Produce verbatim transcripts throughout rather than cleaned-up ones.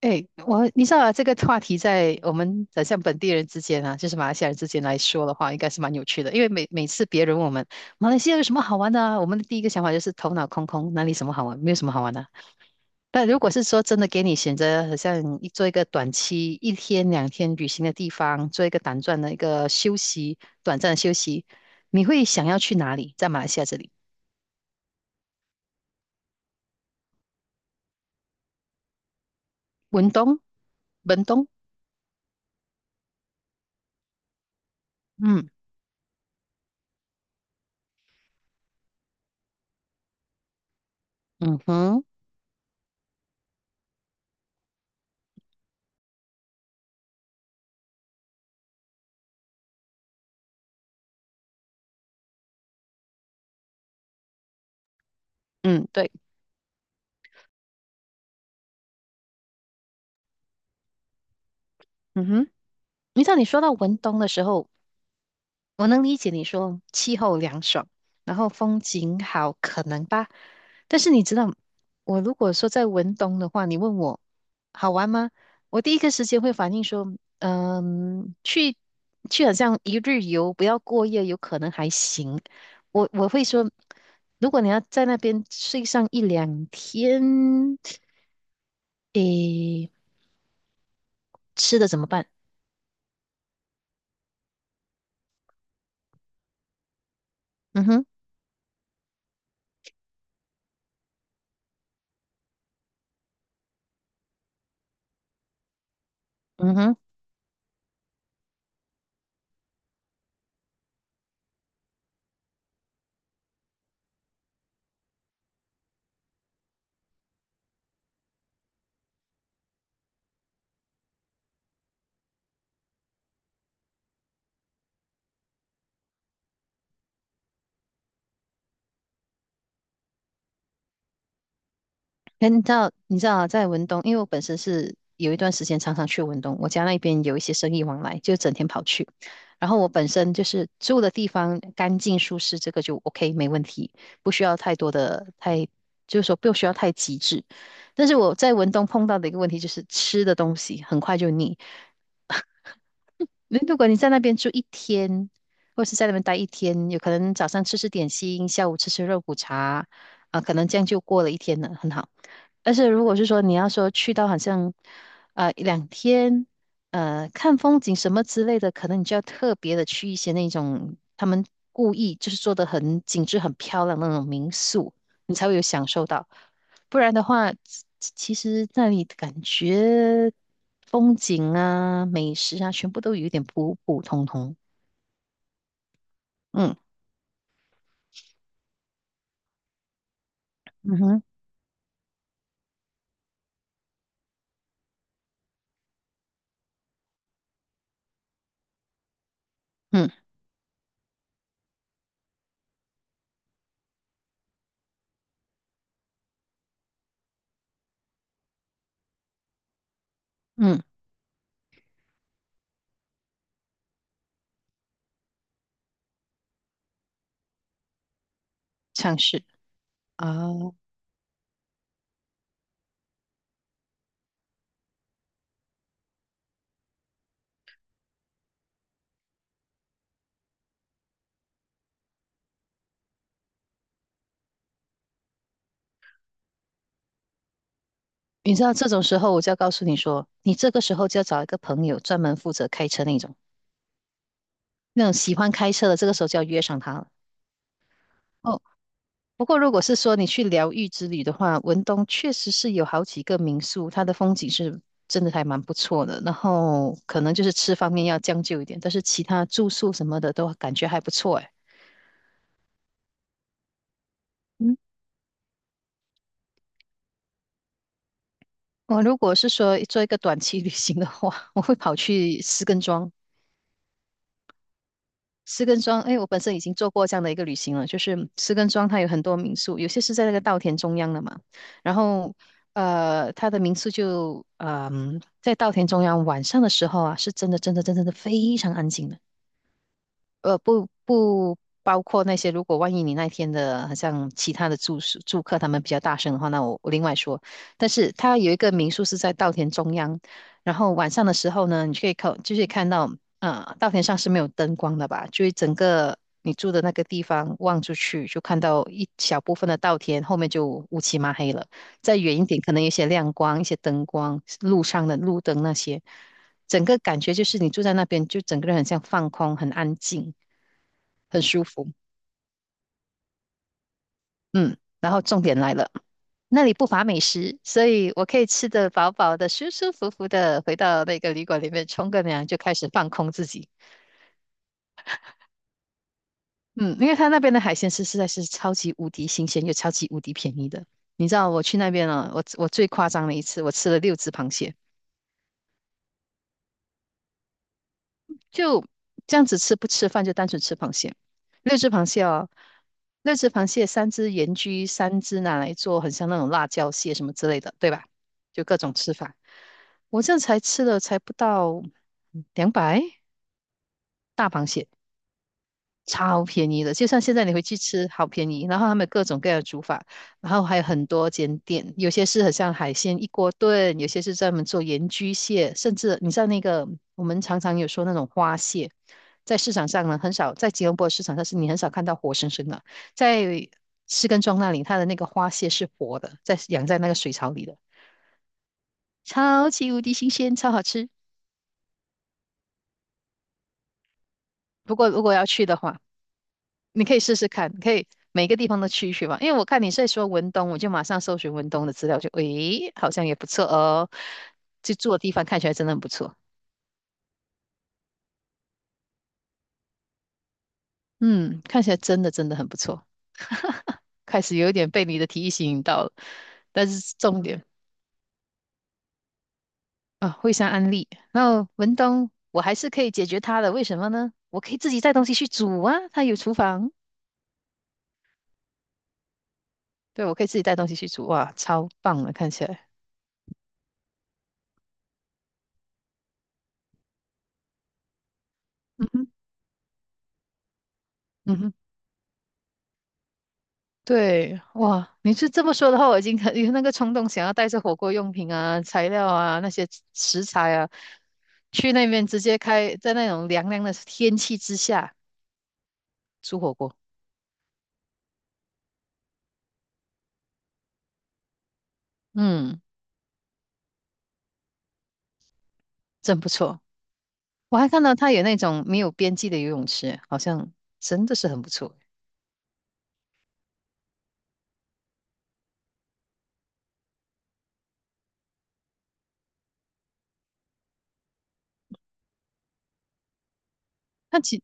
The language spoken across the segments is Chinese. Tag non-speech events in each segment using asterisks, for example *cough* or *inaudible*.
哎，我你知道啊，这个话题在我们的像本地人之间啊，就是马来西亚人之间来说的话，应该是蛮有趣的。因为每每次别人问我们马来西亚有什么好玩的啊，我们的第一个想法就是头脑空空，哪里什么好玩，没有什么好玩的啊。但如果是说真的给你选择，好像一做一个短期一天两天旅行的地方，做一个短暂的一个休息，短暂的休息，你会想要去哪里？在马来西亚这里，文东，文东，嗯，嗯哼，嗯，对，嗯哼。你知道你说到文东的时候。我能理解你说气候凉爽，然后风景好，可能吧。但是你知道，我如果说在文东的话，你问我好玩吗？我第一个时间会反应说，嗯，去去好像一日游，不要过夜，有可能还行。我我会说，如果你要在那边睡上一两天，诶，吃的怎么办？嗯哼，嗯哼。哎，你知道，你知道啊，在文东，因为我本身是有一段时间常常去文东，我家那边有一些生意往来，就整天跑去。然后我本身就是住的地方干净舒适，这个就 OK,没问题，不需要太多的太，就是说不需要太极致。但是我在文东碰到的一个问题就是吃的东西很快就腻，那如果你在那边住一天，或是在那边待一天，有可能早上吃吃点心，下午吃吃肉骨茶，啊，可能这样就过了一天了，很好。但是如果是说你要说去到好像，呃，一两天，呃，看风景什么之类的，可能你就要特别的去一些那种他们故意就是做的很精致、很漂亮的那种民宿，你才会有享受到。不然的话，其其实那里感觉风景啊、美食啊，全部都有点普普通通。嗯，嗯哼，嗯嗯，尝是啊。你知道这种时候，我就要告诉你说，你这个时候就要找一个朋友，专门负责开车那种，那种喜欢开车的，这个时候就要约上他了。哦，不过，如果是说你去疗愈之旅的话，文东确实是有好几个民宿，它的风景是真的还蛮不错的。然后可能就是吃方面要将就一点，但是其他住宿什么的都感觉还不错。诶，嗯，我如果是说做一个短期旅行的话，我会跑去石根庄。石根庄，哎，我本身已经做过这样的一个旅行了，就是石根庄它有很多民宿，有些是在那个稻田中央的嘛，然后呃，它的民宿就嗯、在稻田中央，晚上的时候啊，是真的真的真的真的非常安静的。呃，不不包括那些，如果万一你那天的，好像其他的住宿住客他们比较大声的话，那我我另外说。但是它有一个民宿是在稻田中央，然后晚上的时候呢，你就可以看，就是看到，呃，稻田上是没有灯光的吧？就是整个你住的那个地方望出去，就看到一小部分的稻田，后面就乌漆嘛黑了。再远一点，可能有一些亮光，一些灯光，路上的路灯那些。整个感觉就是你住在那边，就整个人很像放空，很安静，很舒服。嗯，然后重点来了，那里不乏美食，所以我可以吃的饱饱的，舒舒服服的回到那个旅馆里面冲个凉，就开始放空自己。嗯，因为他那边的海鲜是实在是超级无敌新鲜又超级无敌便宜的。你知道我去那边啊，我我最夸张的一次，我吃了六只螃蟹。就这样子吃，不吃饭就单纯吃螃蟹。六只螃蟹哦，六只螃蟹，三只盐焗，三只拿来做很像那种辣椒蟹什么之类的，对吧？就各种吃法。我这样才吃了才不到两百，超便宜的，就像现在你回去吃，好便宜。然后他们各种各样的煮法，然后还有很多间店，有些是很像海鲜一锅炖，有些是专门做盐焗蟹，甚至你知道那个我们常常有说那种花蟹，在市场上呢很少，在吉隆坡市场上是你很少看到活生生的，在士根庄那里，它的那个花蟹是活的，在养在那个水槽里的，超级无敌新鲜，超好吃。不过如果要去的话，你可以试试看，可以每个地方都去一去嘛。因为我看你在说文东，我就马上搜寻文东的资料，就诶，好像也不错哦。就住的地方看起来真的很不错，嗯，看起来真的真的很不错。开始有一点被你的提议吸引到了，但是重点啊，惠山安利，然后文东，我还是可以解决他的。为什么呢？我可以自己带东西去煮啊，他有厨房，对，我可以自己带东西去煮，哇，超棒的，看起来。嗯哼，嗯哼。对，哇，你是这么说的话，我已经 *laughs* 很有那个冲动，想要带着火锅用品啊、材料啊、那些食材啊，去那边直接开，在那种凉凉的天气之下煮火锅。嗯，真不错。我还看到它有那种没有边际的游泳池，好像真的是很不错。那其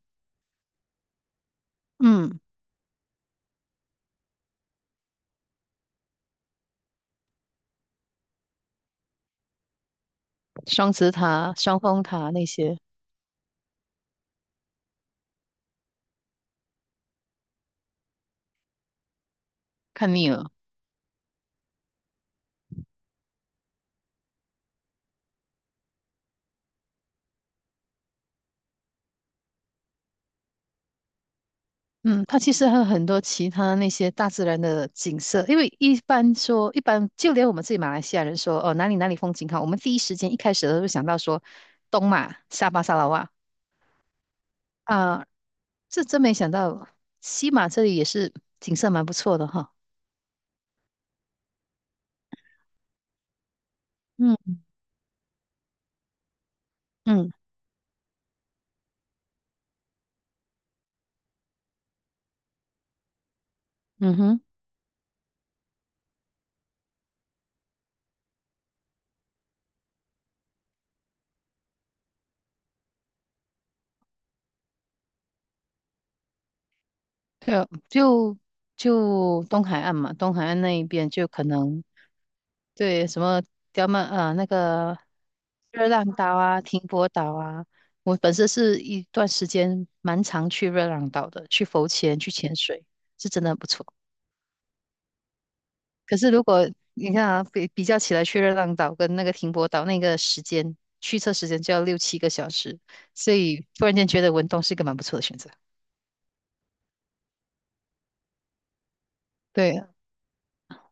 嗯，双子塔、双峰塔那些，看腻了。嗯，它其实还有很多其他那些大自然的景色，因为一般说，一般就连我们自己马来西亚人说，哦，哪里哪里风景好，我们第一时间一开始都会想到说东马、沙巴、沙拉哇啊，这真没想到西马这里也是景色蛮不错的哈。嗯，嗯，嗯哼，对啊，就就东海岸嘛，东海岸那一边就可能。对，什么刁曼啊，那个热浪岛啊，停泊岛啊，我本身是一段时间蛮常去热浪岛的，去浮潜、去潜水，是真的很不错。可是如果你看啊，比比较起来，去热浪岛跟那个停泊岛那个时间，驱车时间就要六七个小时，所以突然间觉得文东是一个蛮不错的选择。对，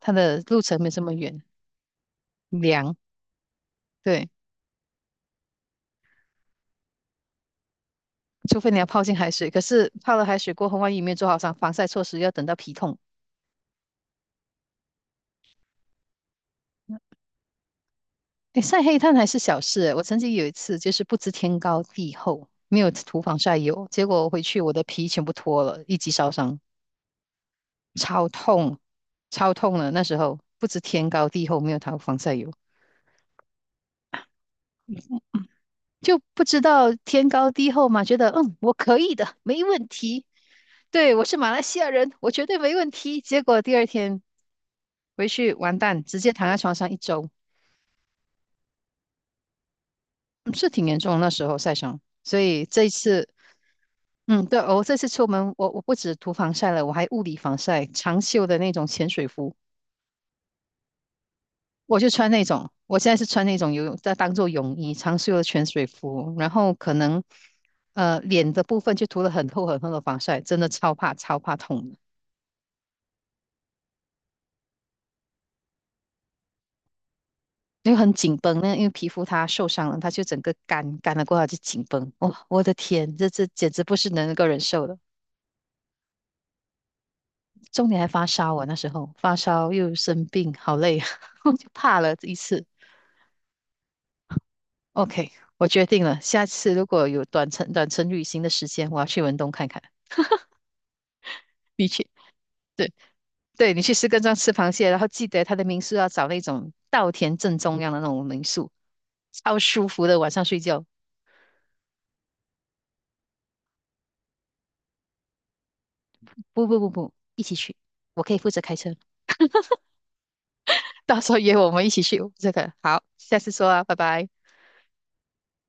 它的路程没这么远，凉，对，除非你要泡进海水，可是泡了海水过后，万一没有做好防防晒措施，要等到皮痛。诶晒黑炭还是小事，我曾经有一次就是不知天高地厚，没有涂防晒油，结果我回去我的皮全部脱了，一级烧伤，超痛，超痛了。那时候不知天高地厚，没有涂防晒油，就不知道天高地厚嘛，觉得嗯我可以的，没问题。对，我是马来西亚人，我绝对没问题。结果第二天回去完蛋，直接躺在床上一周，嗯是挺严重的那时候晒伤。所以这一次嗯，对，我这次出门，我我不止涂防晒了，我还物理防晒，长袖的那种潜水服，我就穿那种，我现在是穿那种游泳，在当做泳衣，长袖的潜水服，然后可能呃脸的部分就涂了很厚很厚的防晒，真的超怕超怕痛的，因为很紧绷，那因为皮肤它受伤了，它就整个干干了过后它就紧绷，哇，我的天，这这简直不是能够忍受的，重点还发烧，我那时候发烧又生病，好累啊，*laughs* 我就怕了这一次。OK,我决定了，下次如果有短程短程旅行的时间，我要去文东看看。你去，对，对，你去石根庄吃螃蟹，然后记得他的民宿要找那种稻田正中央的那种民宿，超舒服的，晚上睡觉。不不不不，一起去，我可以负责开车，到时候约我们一起去这个。好，下次说啊，拜拜。